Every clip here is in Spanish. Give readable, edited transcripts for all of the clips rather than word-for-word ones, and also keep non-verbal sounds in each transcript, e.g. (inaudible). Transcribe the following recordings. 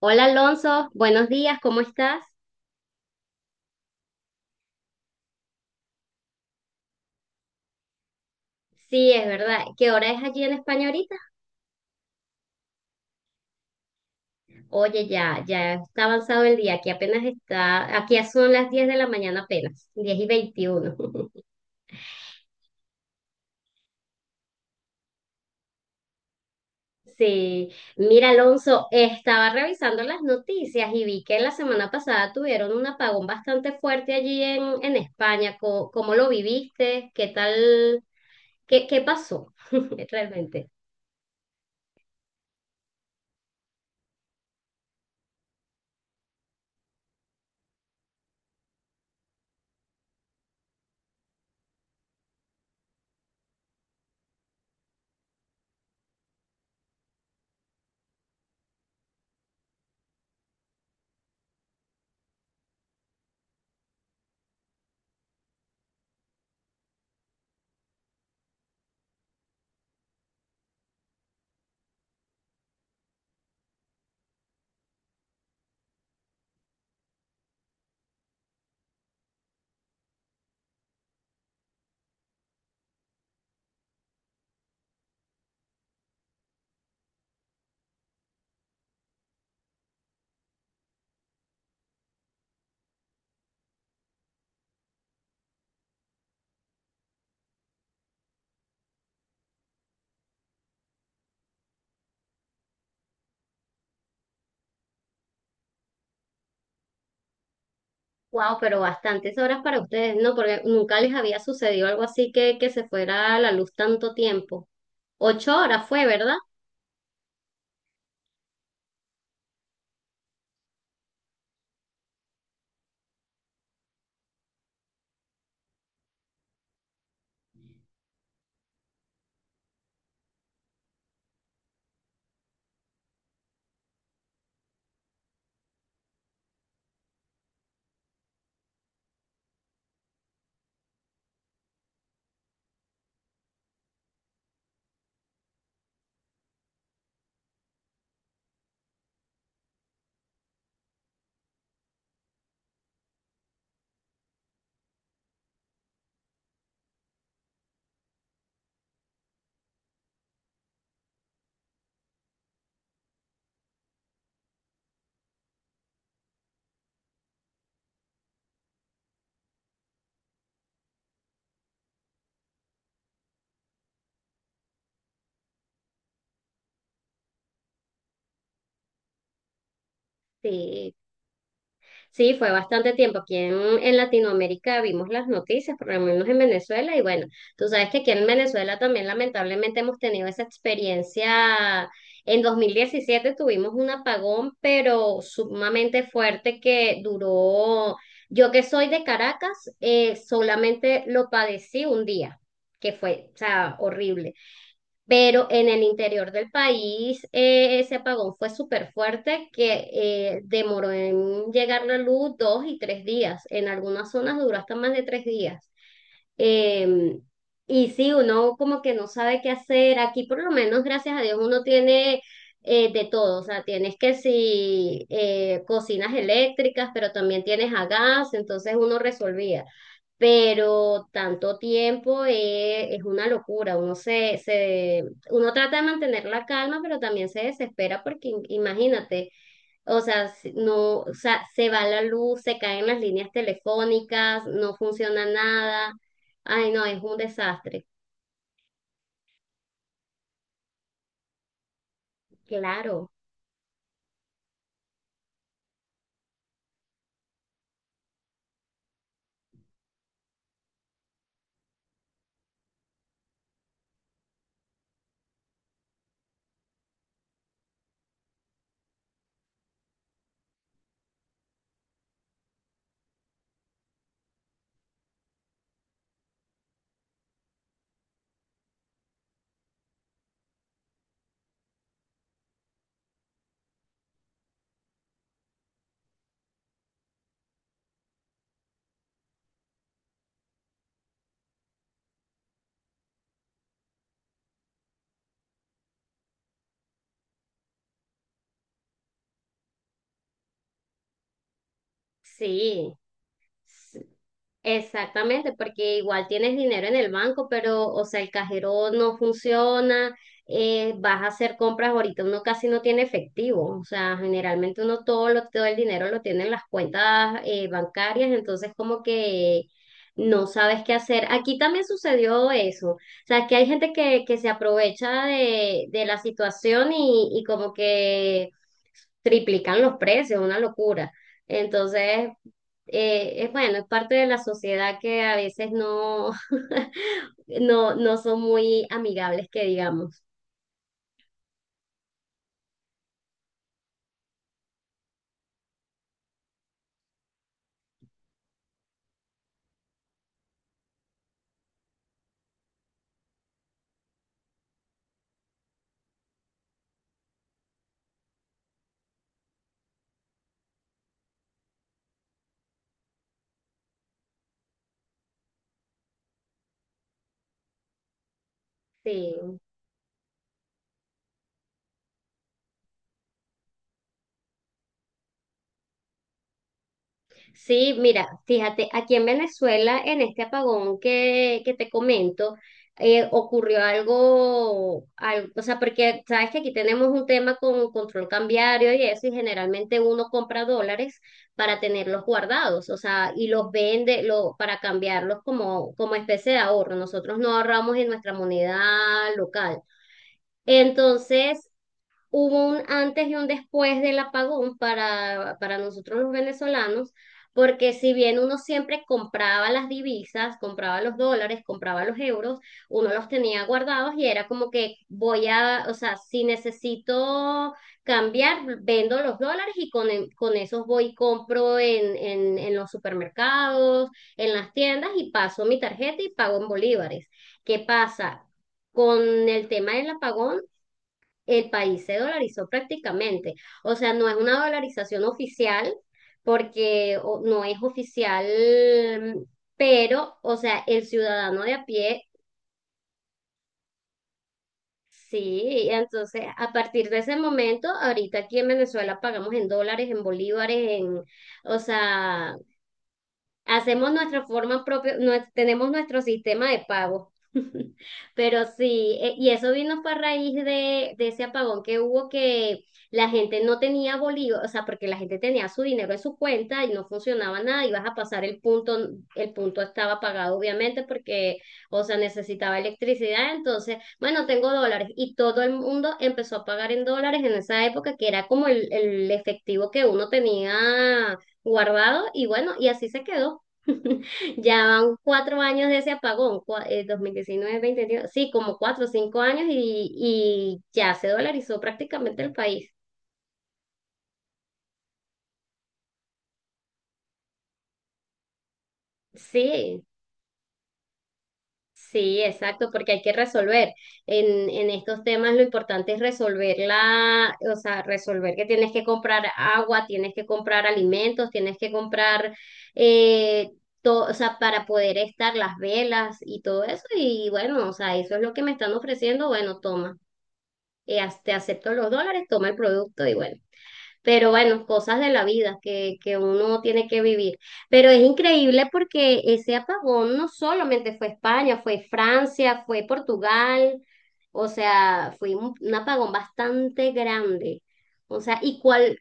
Hola Alonso, buenos días, ¿cómo estás? Sí, es verdad. ¿Qué hora es allí en España ahorita? Oye, ya está avanzado el día, aquí apenas está, aquí son las 10 de la mañana apenas. 10:21. (laughs) Sí, mira Alonso, estaba revisando las noticias y vi que la semana pasada tuvieron un apagón bastante fuerte allí en España. ¿Cómo lo viviste? ¿Qué tal? ¿Qué pasó (laughs) realmente? Wow, pero bastantes horas para ustedes, ¿no? Porque nunca les había sucedido algo así que se fuera a la luz tanto tiempo. 8 horas fue, ¿verdad? Sí. Sí, fue bastante tiempo. Aquí en Latinoamérica vimos las noticias, por lo menos en Venezuela, y bueno, tú sabes que aquí en Venezuela también lamentablemente hemos tenido esa experiencia. En 2017 tuvimos un apagón, pero sumamente fuerte que duró, yo que soy de Caracas, solamente lo padecí un día, que fue, o sea, horrible. Pero en el interior del país ese apagón fue súper fuerte que demoró en llegar la luz 2 y 3 días. En algunas zonas duró hasta más de 3 días. Eh, y sí, uno como que no sabe qué hacer. Aquí por lo menos, gracias a Dios, uno tiene de todo. O sea, tienes que si cocinas eléctricas, pero también tienes a gas, entonces uno resolvía, pero tanto tiempo es una locura. Uno uno trata de mantener la calma, pero también se desespera porque imagínate, o sea, no, o sea, se va la luz, se caen las líneas telefónicas, no funciona nada. Ay, no, es un desastre. Claro, sí. Sí, exactamente, porque igual tienes dinero en el banco, pero, o sea, el cajero no funciona, vas a hacer compras. Ahorita uno casi no tiene efectivo, o sea, generalmente uno todo el dinero lo tiene en las cuentas bancarias, entonces como que no sabes qué hacer. Aquí también sucedió eso, o sea, que hay gente que se aprovecha de la situación y como que triplican los precios, una locura. Entonces, es bueno, es parte de la sociedad que a veces no, (laughs) no, no son muy amigables, que digamos. Sí. Sí, mira, fíjate, aquí en Venezuela, en este apagón que te comento, ocurrió algo, o sea, porque sabes que aquí tenemos un tema con control cambiario y eso, y generalmente uno compra dólares para tenerlos guardados, o sea, y para cambiarlos como, como especie de ahorro. Nosotros no ahorramos en nuestra moneda local. Entonces, hubo un antes y un después del apagón para nosotros los venezolanos, porque si bien uno siempre compraba las divisas, compraba los dólares, compraba los euros, uno los tenía guardados y era como que voy a, o sea, si necesito cambiar, vendo los dólares y con esos voy y compro en los supermercados, en las tiendas y paso mi tarjeta y pago en bolívares. ¿Qué pasa? Con el tema del apagón, el país se dolarizó prácticamente. O sea, no es una dolarización oficial porque no es oficial, pero, o sea, el ciudadano de a pie, sí. Entonces, a partir de ese momento, ahorita aquí en Venezuela pagamos en dólares, en bolívares, en, o sea, hacemos nuestra forma propia. Tenemos nuestro sistema de pago. (laughs) Pero sí, y eso vino fue a raíz de ese apagón que hubo, que la gente no tenía bolívar, o sea, porque la gente tenía su dinero en su cuenta y no funcionaba nada. Ibas a pasar el punto estaba apagado obviamente porque, o sea, necesitaba electricidad. Entonces, bueno, tengo dólares y todo el mundo empezó a pagar en dólares en esa época, que era como el efectivo que uno tenía guardado y bueno, y así se quedó. (laughs) Ya van 4 años de ese apagón, 2019, 2021, sí, como cuatro o cinco años y ya se dolarizó prácticamente el país. Sí, sí, exacto, porque hay que resolver. En estos temas lo importante es resolver la, o sea, resolver que tienes que comprar agua, tienes que comprar alimentos, tienes que comprar, eh, o sea, para poder estar las velas y todo eso. Y bueno, o sea, eso es lo que me están ofreciendo, bueno, toma. Y te acepto los dólares, toma el producto y bueno. Pero bueno, cosas de la vida que uno tiene que vivir. Pero es increíble porque ese apagón no solamente fue España, fue Francia, fue Portugal, o sea, fue un apagón bastante grande. O sea, ¿y cuál?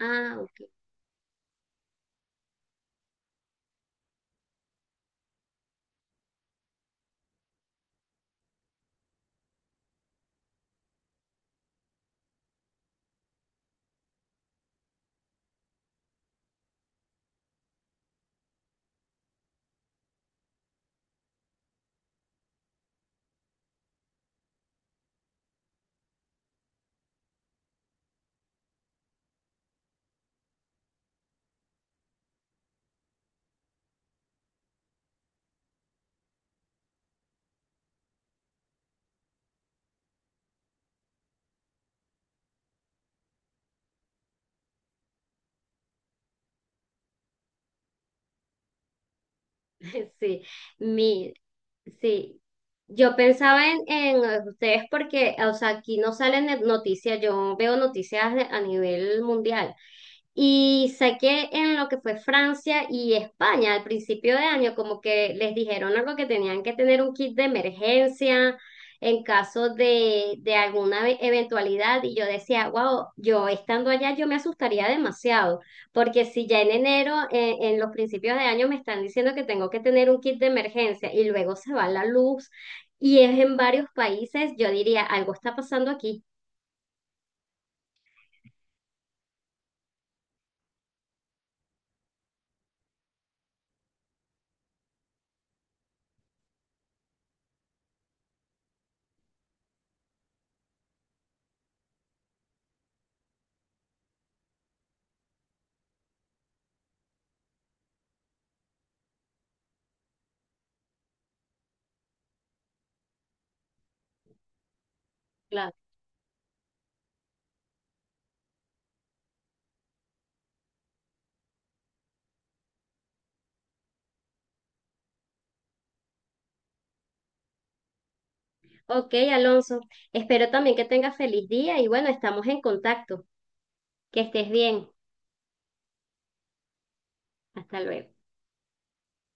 Ah, ok, (laughs) sí, mi, sí. Yo pensaba en ustedes porque, o sea, aquí no salen noticias, yo veo noticias a nivel mundial. Y saqué en lo que fue Francia y España al principio de año, como que les dijeron algo, que tenían que tener un kit de emergencia en caso de alguna eventualidad. Y yo decía, wow, yo estando allá, yo me asustaría demasiado, porque si ya en enero, en los principios de año, me están diciendo que tengo que tener un kit de emergencia y luego se va la luz y es en varios países, yo diría, algo está pasando aquí. Ok, Alonso, espero también que tengas feliz día y bueno, estamos en contacto. Que estés bien. Hasta luego.